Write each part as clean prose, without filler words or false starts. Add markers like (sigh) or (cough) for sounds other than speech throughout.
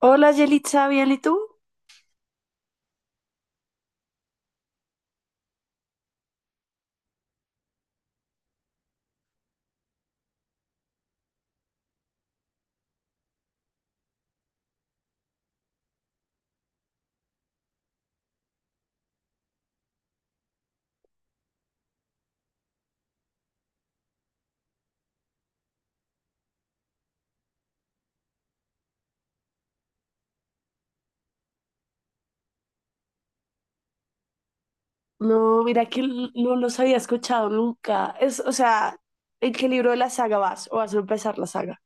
Hola, Yelitza, ¿bien y tú? No, mira que no los había escuchado nunca. Es, o sea, ¿en qué libro de la saga vas? ¿O vas a empezar la saga?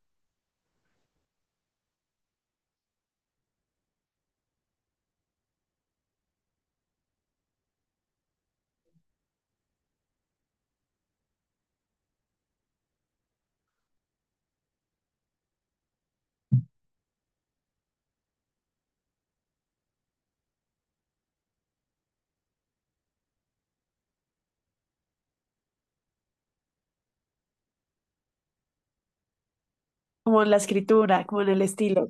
Como en la escritura, como en el estilo.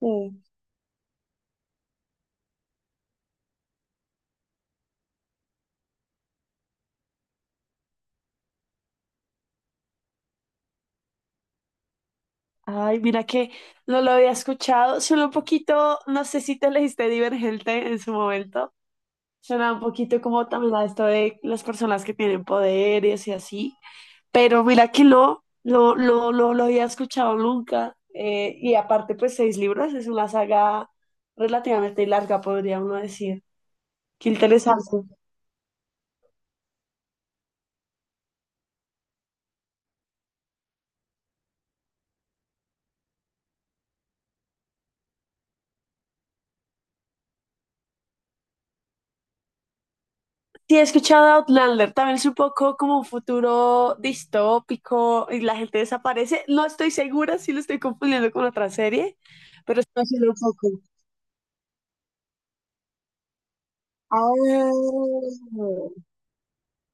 Sí. Ay, mira que no lo había escuchado. Suena un poquito, no sé si te leíste Divergente en su momento. Suena un poquito como también a esto de las personas que tienen poderes y así. Pero mira que no lo había escuchado nunca. Y aparte, pues seis libros es una saga relativamente larga, podría uno decir. Qué interesante. Sí, he escuchado Outlander, también es un poco como un futuro distópico y la gente desaparece. No estoy segura si lo estoy confundiendo con otra serie, pero estoy haciendo un poco. Ah,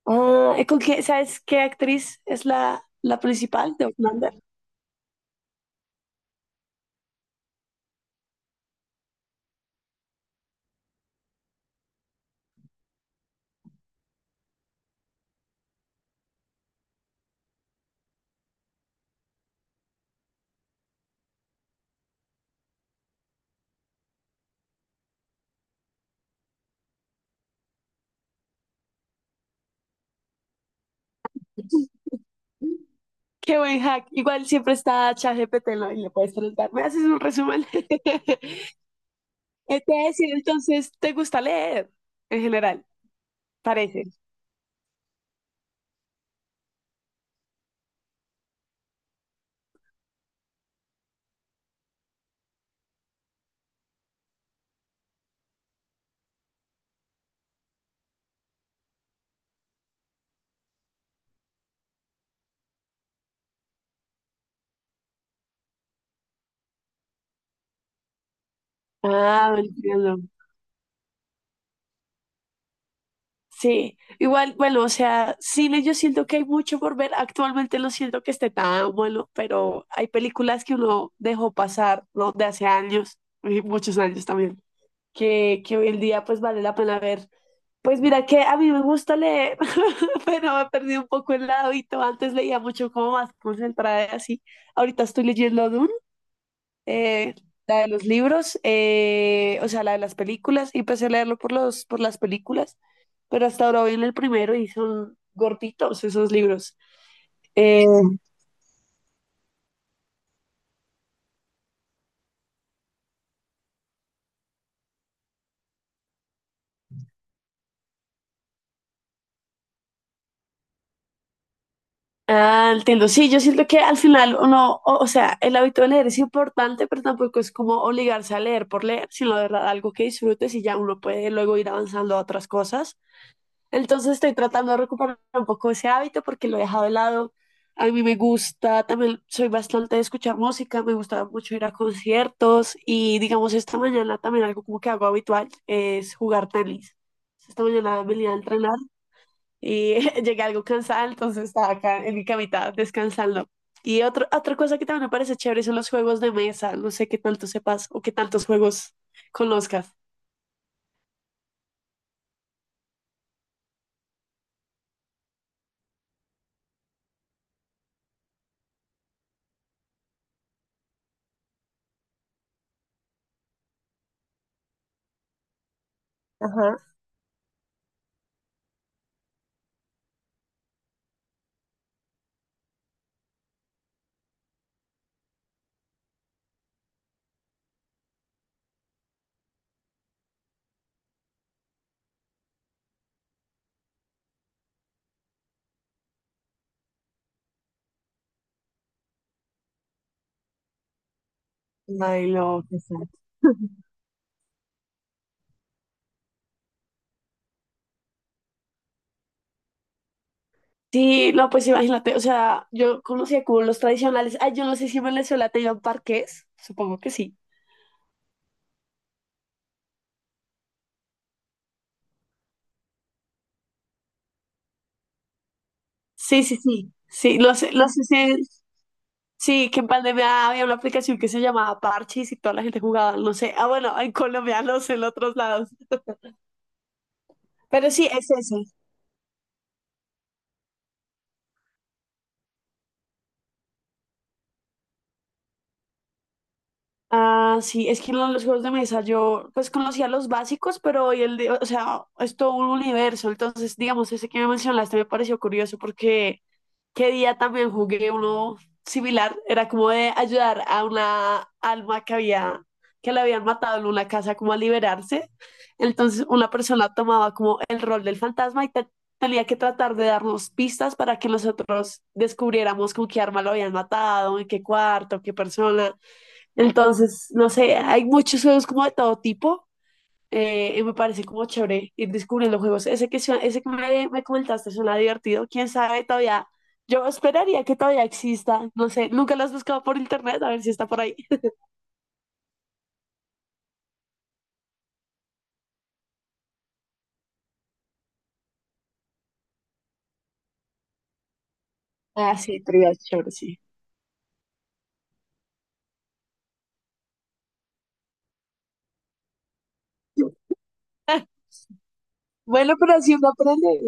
ah, ¿con qué, sabes qué actriz es la principal de Outlander? Qué buen hack. Igual siempre está ChatGPT, ¿no? Y le puedes preguntar. ¿Me haces un resumen? (laughs) Te voy a decir, entonces, ¿te gusta leer en general? Parece. Ah, entiendo. Sí, igual, bueno, o sea, cine yo siento que hay mucho por ver. Actualmente no siento que esté tan bueno, pero hay películas que uno dejó pasar, ¿no? De hace años, y muchos años también, que hoy en día pues vale la pena ver. Pues mira que a mí me gusta leer, (laughs) pero me perdí un poco el hábito. Antes leía mucho como más concentrada y así. Ahorita estoy leyendo Dune, eh, la de los libros, o sea, la de las películas, y empecé a leerlo por por las películas, pero hasta ahora voy en el primero y son gorditos esos libros. Eh, Ah, entiendo. Sí, yo siento que al final o sea, el hábito de leer es importante, pero tampoco es como obligarse a leer por leer, sino de verdad algo que disfrutes y ya uno puede luego ir avanzando a otras cosas. Entonces estoy tratando de recuperar un poco ese hábito porque lo he dejado de lado. A mí me gusta, también soy bastante de escuchar música, me gusta mucho ir a conciertos y digamos esta mañana también algo como que hago habitual es jugar tenis. Esta mañana venía a entrenar y (laughs) llegué algo cansada, entonces estaba acá en mi camita descansando. Otra cosa que también me parece chévere son los juegos de mesa. No sé qué tanto sepas o qué tantos juegos conozcas. Ajá. Ay, no, qué sad. (laughs) Sí, no, pues imagínate, o sea, yo conocía como los tradicionales. Ay, yo no sé si en Venezuela tengan parques, supongo que sí. Sí, sí, sí. Sí, no sé si, sí, que en pandemia había una aplicación que se llamaba Parchis y toda la gente jugaba, no sé. Ah, bueno, en Colombia, no sé, en otros lados. Pero sí, es ese. Ah, sí, es que los juegos de mesa yo pues conocía los básicos, pero hoy o sea, es todo un universo. Entonces, digamos, ese que me mencionaste me pareció curioso porque qué día también jugué uno similar, era como de ayudar a una alma que había, que la habían matado en una casa como a liberarse. Entonces, una persona tomaba como el rol del fantasma y tenía que tratar de darnos pistas para que nosotros descubriéramos con qué arma lo habían matado, en qué cuarto, qué persona. Entonces, no sé, hay muchos juegos como de todo tipo. Y me parece como chévere ir descubriendo juegos. Ese que me comentaste suena divertido. Quién sabe todavía. Yo esperaría que todavía exista. No sé, nunca lo has buscado por internet a ver si está por ahí. (laughs) Ah, sí, trivia, chévere, sí. (laughs) Bueno, pero así uno aprende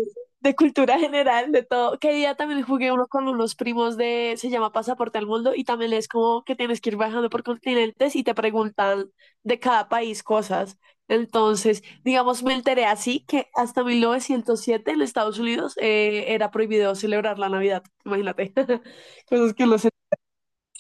de cultura general, de todo. Que día también jugué uno con unos primos se llama Pasaporte al Mundo, y también es como que tienes que ir viajando por continentes y te preguntan de cada país cosas. Entonces, digamos, me enteré así que hasta 1907 en Estados Unidos era prohibido celebrar la Navidad. Imagínate, (laughs) cosas que uno se.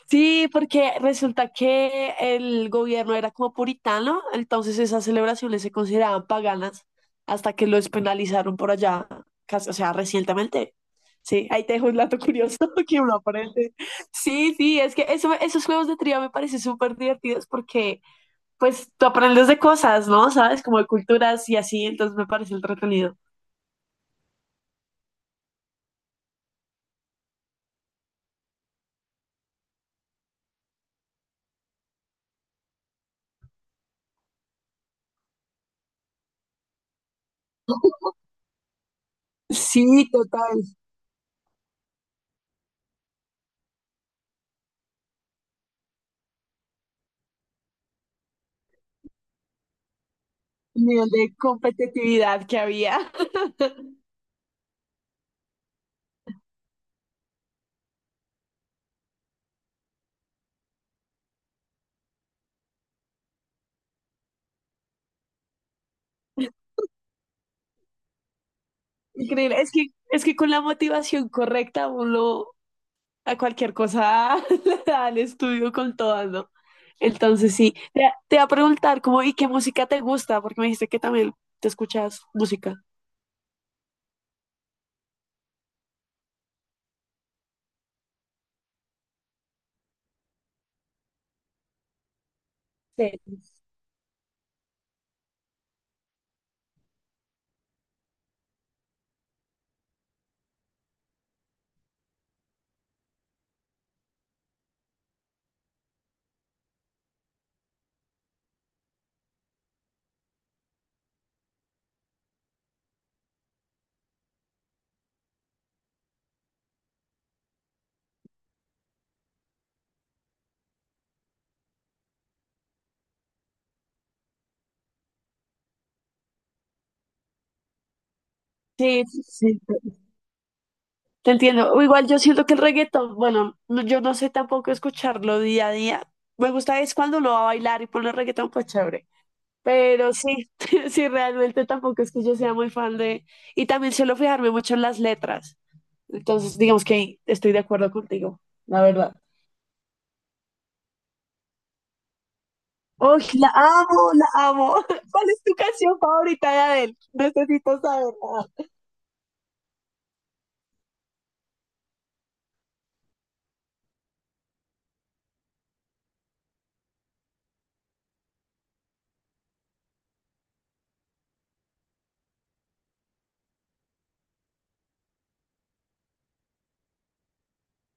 Sí, porque resulta que el gobierno era como puritano, entonces esas celebraciones se consideraban paganas hasta que lo despenalizaron por allá, casi- o sea, recientemente. Sí, ahí te dejo un dato curioso (laughs) que uno aprende. Sí, sí, es que eso, esos juegos de trivia me parecen súper divertidos porque pues tú aprendes de cosas, ¿no? ¿Sabes? Como de culturas y así, entonces me parece entretenido. Sí, total, el nivel de competitividad que había. Increíble. Es que con la motivación correcta uno a cualquier cosa (laughs) le da el estudio con todas, ¿no? Entonces te iba a preguntar como, ¿y qué música te gusta? Porque me dijiste que también te escuchas música. Sí. Sí, te entiendo. O Igual yo siento que el reggaetón, bueno, yo no sé tampoco escucharlo día a día. Me gusta es cuando uno va a bailar y pone reggaetón, pues chévere. Pero sí, (laughs) sí, realmente tampoco es que yo sea muy fan de... Y también suelo fijarme mucho en las letras. Entonces, digamos que estoy de acuerdo contigo, la verdad. ¡Oh, la amo, la amo! (laughs) ¿Cuál es tu canción favorita de Adele? Necesito saberla.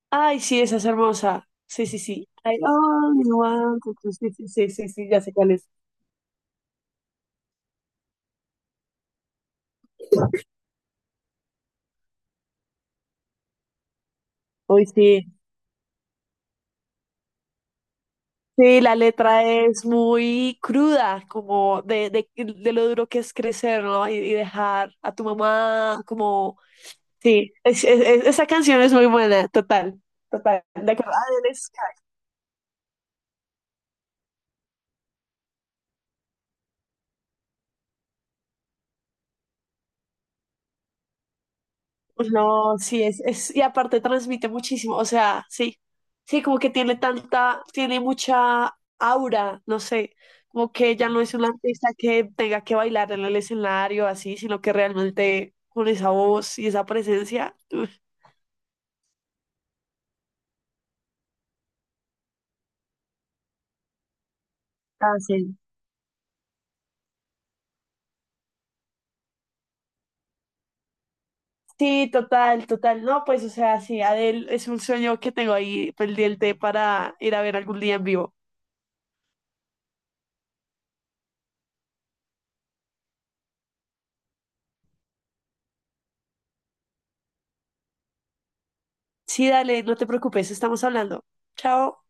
Ay, sí, esa es hermosa. Sí, sí, sí. I only Sí, sí, sí, sí, sí, ya sé cuál es. Hoy sí. Sí, la letra es muy cruda, como de lo duro que es crecer, ¿no? Y dejar a tu mamá, como... Sí, esa canción es muy buena, total, total. De acuerdo. Adele. Pues No, sí, es, y aparte transmite muchísimo, o sea, sí, sí, como que tiene tanta, tiene mucha aura, no sé, como que ya no es una artista que tenga que bailar en el escenario así, sino que realmente con esa voz y esa presencia. Uf. Ah, sí. Sí, total, total, no, Pues, o sea, sí, Adele es un sueño que tengo ahí pendiente para ir a ver algún día en vivo. Sí, dale, no te preocupes, estamos hablando. Chao.